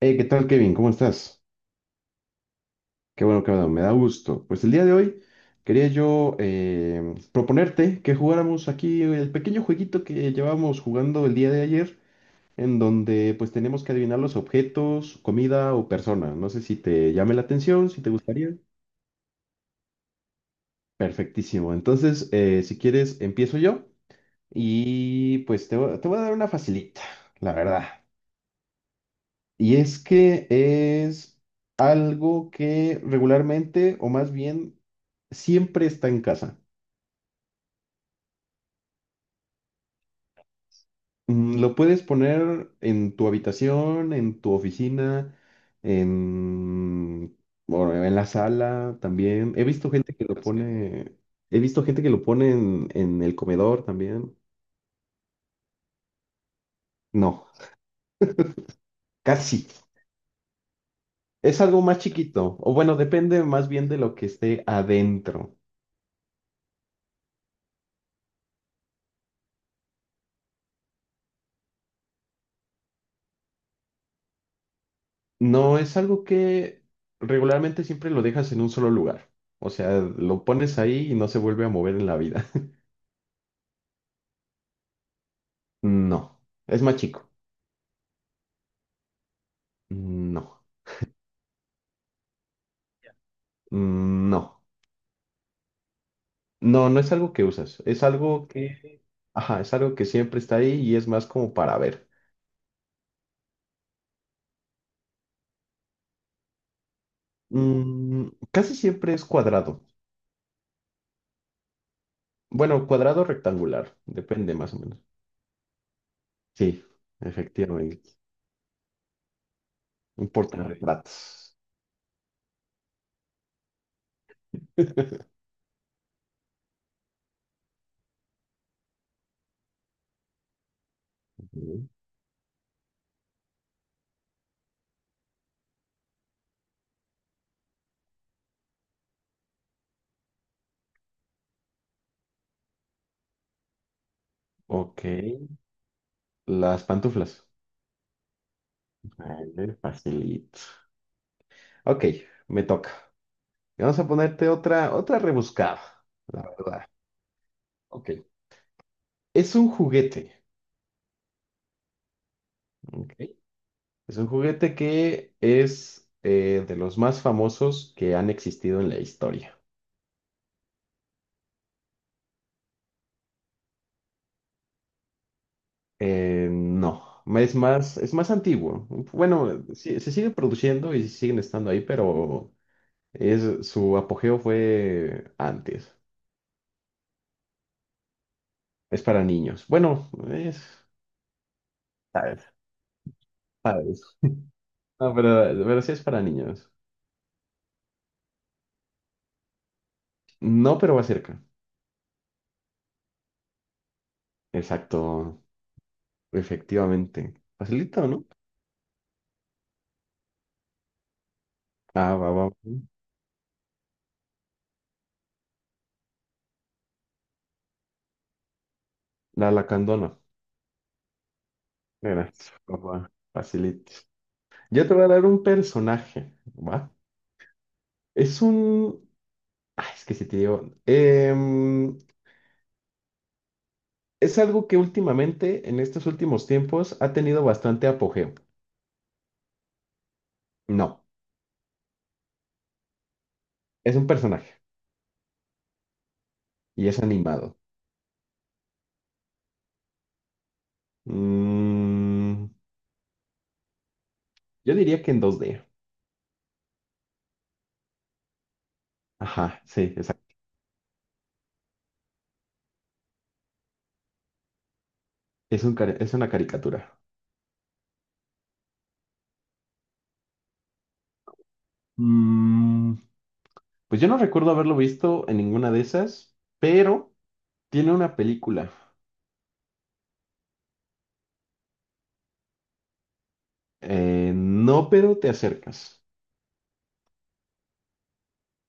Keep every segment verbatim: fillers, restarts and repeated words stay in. Eh, ¿qué tal, Kevin? ¿Cómo estás? Qué bueno que me da gusto. Pues el día de hoy quería yo eh, proponerte que jugáramos aquí el pequeño jueguito que llevábamos jugando el día de ayer, en donde pues tenemos que adivinar los objetos, comida o persona. No sé si te llame la atención, si te gustaría. Perfectísimo. Entonces, eh, si quieres, empiezo yo y pues te, voy te voy a dar una facilita, la verdad. Y es que es algo que regularmente, o más bien, siempre está en casa. Mm, Lo puedes poner en tu habitación, en tu oficina, en, bueno, en la sala también. He visto gente que lo, sí, pone, he visto gente que lo pone en, en el comedor también. No, casi. Es algo más chiquito, o bueno, depende más bien de lo que esté adentro. No es algo que regularmente siempre lo dejas en un solo lugar. O sea, lo pones ahí y no se vuelve a mover en la vida. No. ¿Es más chico? No. No. No, no es algo que usas. Es algo que... Ajá, es algo que siempre está ahí y es más como para ver. Mm, casi siempre es cuadrado. Bueno, cuadrado o rectangular. Depende más o menos. Sí, efectivamente. Un portarretratos. Ujú. Ok. Las pantuflas. Vale, facilito. Ok, me toca. Vamos a ponerte otra, otra rebuscada, la verdad. Ok. Es un juguete. Ok. Es un juguete que es eh, de los más famosos que han existido en la historia. Eh, no, es más, es más antiguo. Bueno, sí- se sigue produciendo y siguen estando ahí, pero es, su apogeo fue antes. Es para niños. Bueno, es... Sabes, sabes. No, pero, pero sí es para niños. No, pero va cerca. Exacto, efectivamente. Facilito, ¿no? Ah, va, va, va. La lacandona. Mira, papá, facilito. Yo te voy a dar un personaje, ¿va? Es un... Ah, es que si te digo... em, es algo que últimamente, en estos últimos tiempos, ha tenido bastante apogeo. No, es un personaje y es animado. Mm, yo diría que en dos d. Ajá, sí, exacto. Es un, cari- es una caricatura. Mm, pues yo no recuerdo haberlo visto en ninguna de esas, pero tiene una película. Eh, no, pero te acercas.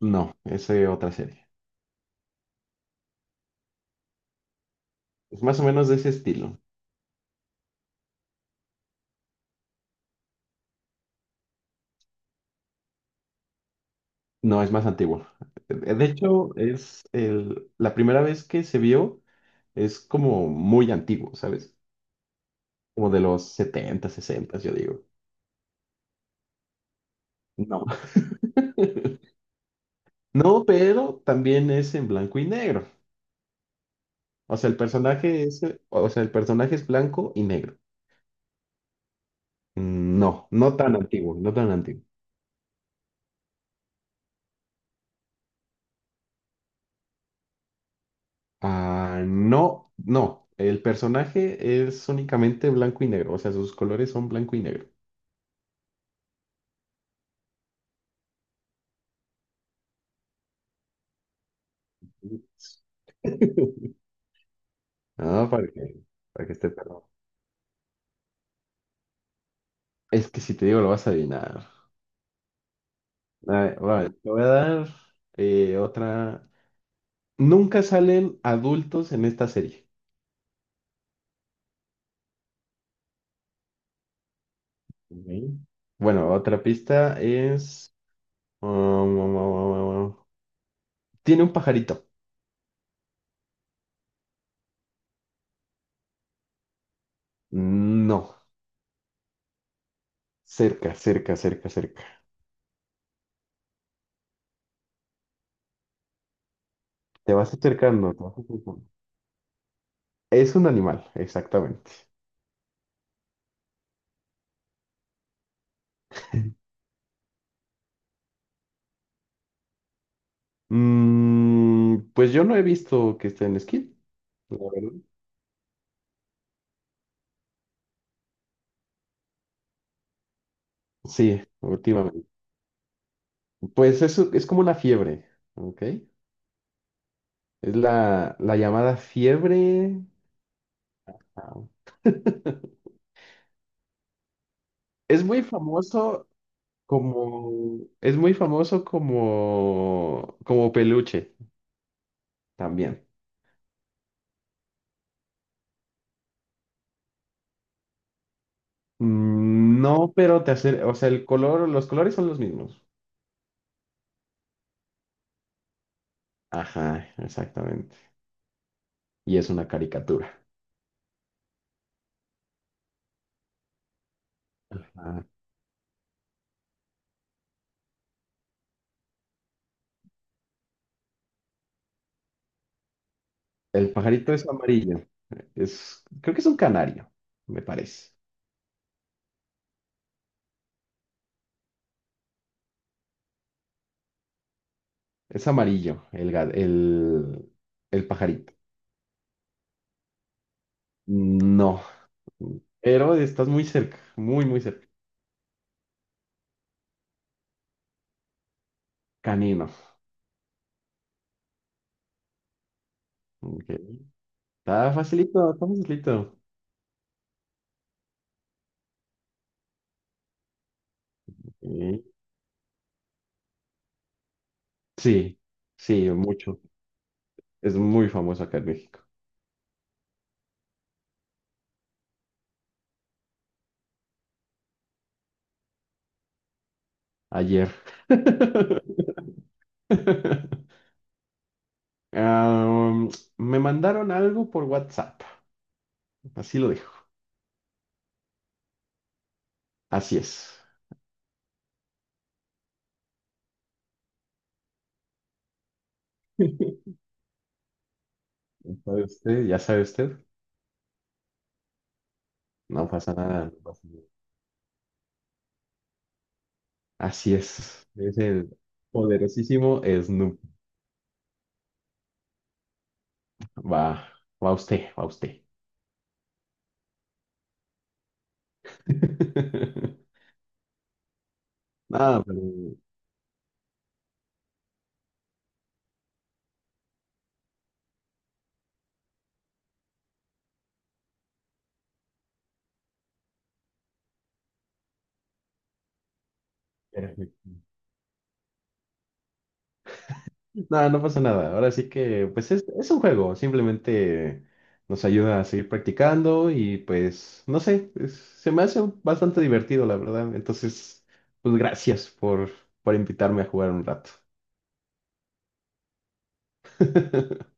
No, es eh, otra serie. Es más o menos de ese estilo. No, es más antiguo. Eh, De hecho, es el- la primera vez que se vio es como muy antiguo, ¿sabes? Como de los setenta, sesenta, yo digo. No. No, pero también es en blanco y negro. O sea, el personaje es, o sea, el personaje es blanco y negro. Mm, no, no tan antiguo, no tan antiguo. Ah, no, no. El personaje es únicamente blanco y negro, o sea, sus colores son blanco y negro. Ah, para que, para que esté perro. Es que si te digo lo vas a adivinar. A ver, vale, te voy a dar eh, otra. Nunca salen adultos en esta serie. Ok. Bueno, otra pista es... um, um, um, um, um, um, tiene un pajarito. No, cerca, cerca, cerca, cerca. Te vas acercando, te vas acercando. Es un animal, exactamente. Mm, pues yo no he visto que esté en esquí, la verdad. Sí, últimamente. Pues eso es como una fiebre, ¿ok? Es la, la llamada fiebre. Ah. Es muy famoso como, es muy famoso como, como peluche también. Mm, no, pero te hace, o sea, el color, los colores son los mismos. Ajá, exactamente. Y es una caricatura. Ajá. El pajarito es amarillo. Es, creo que es un canario, me parece. Es amarillo el, ga- el, el pajarito. No, pero estás muy cerca, muy, muy cerca. Canino. Ok. Está facilito, está facilito. Ok. Sí, sí, mucho. Es muy famoso acá en México. Ayer. Am, me mandaron algo por WhatsApp. Así lo dejo. Así es. ¿Sabe usted? ¿Ya sabe usted? No pasa nada, no pasa nada. Así es. Es el poderosísimo Snoop. Va, va usted, va usted. Nada, pero... Perfecto. Nada, no pasa nada. Ahora sí que, pues es, es un juego. Simplemente nos ayuda a seguir practicando y pues, no sé, es- se me hace bastante divertido, la verdad. Entonces, pues gracias por, por invitarme a jugar un rato.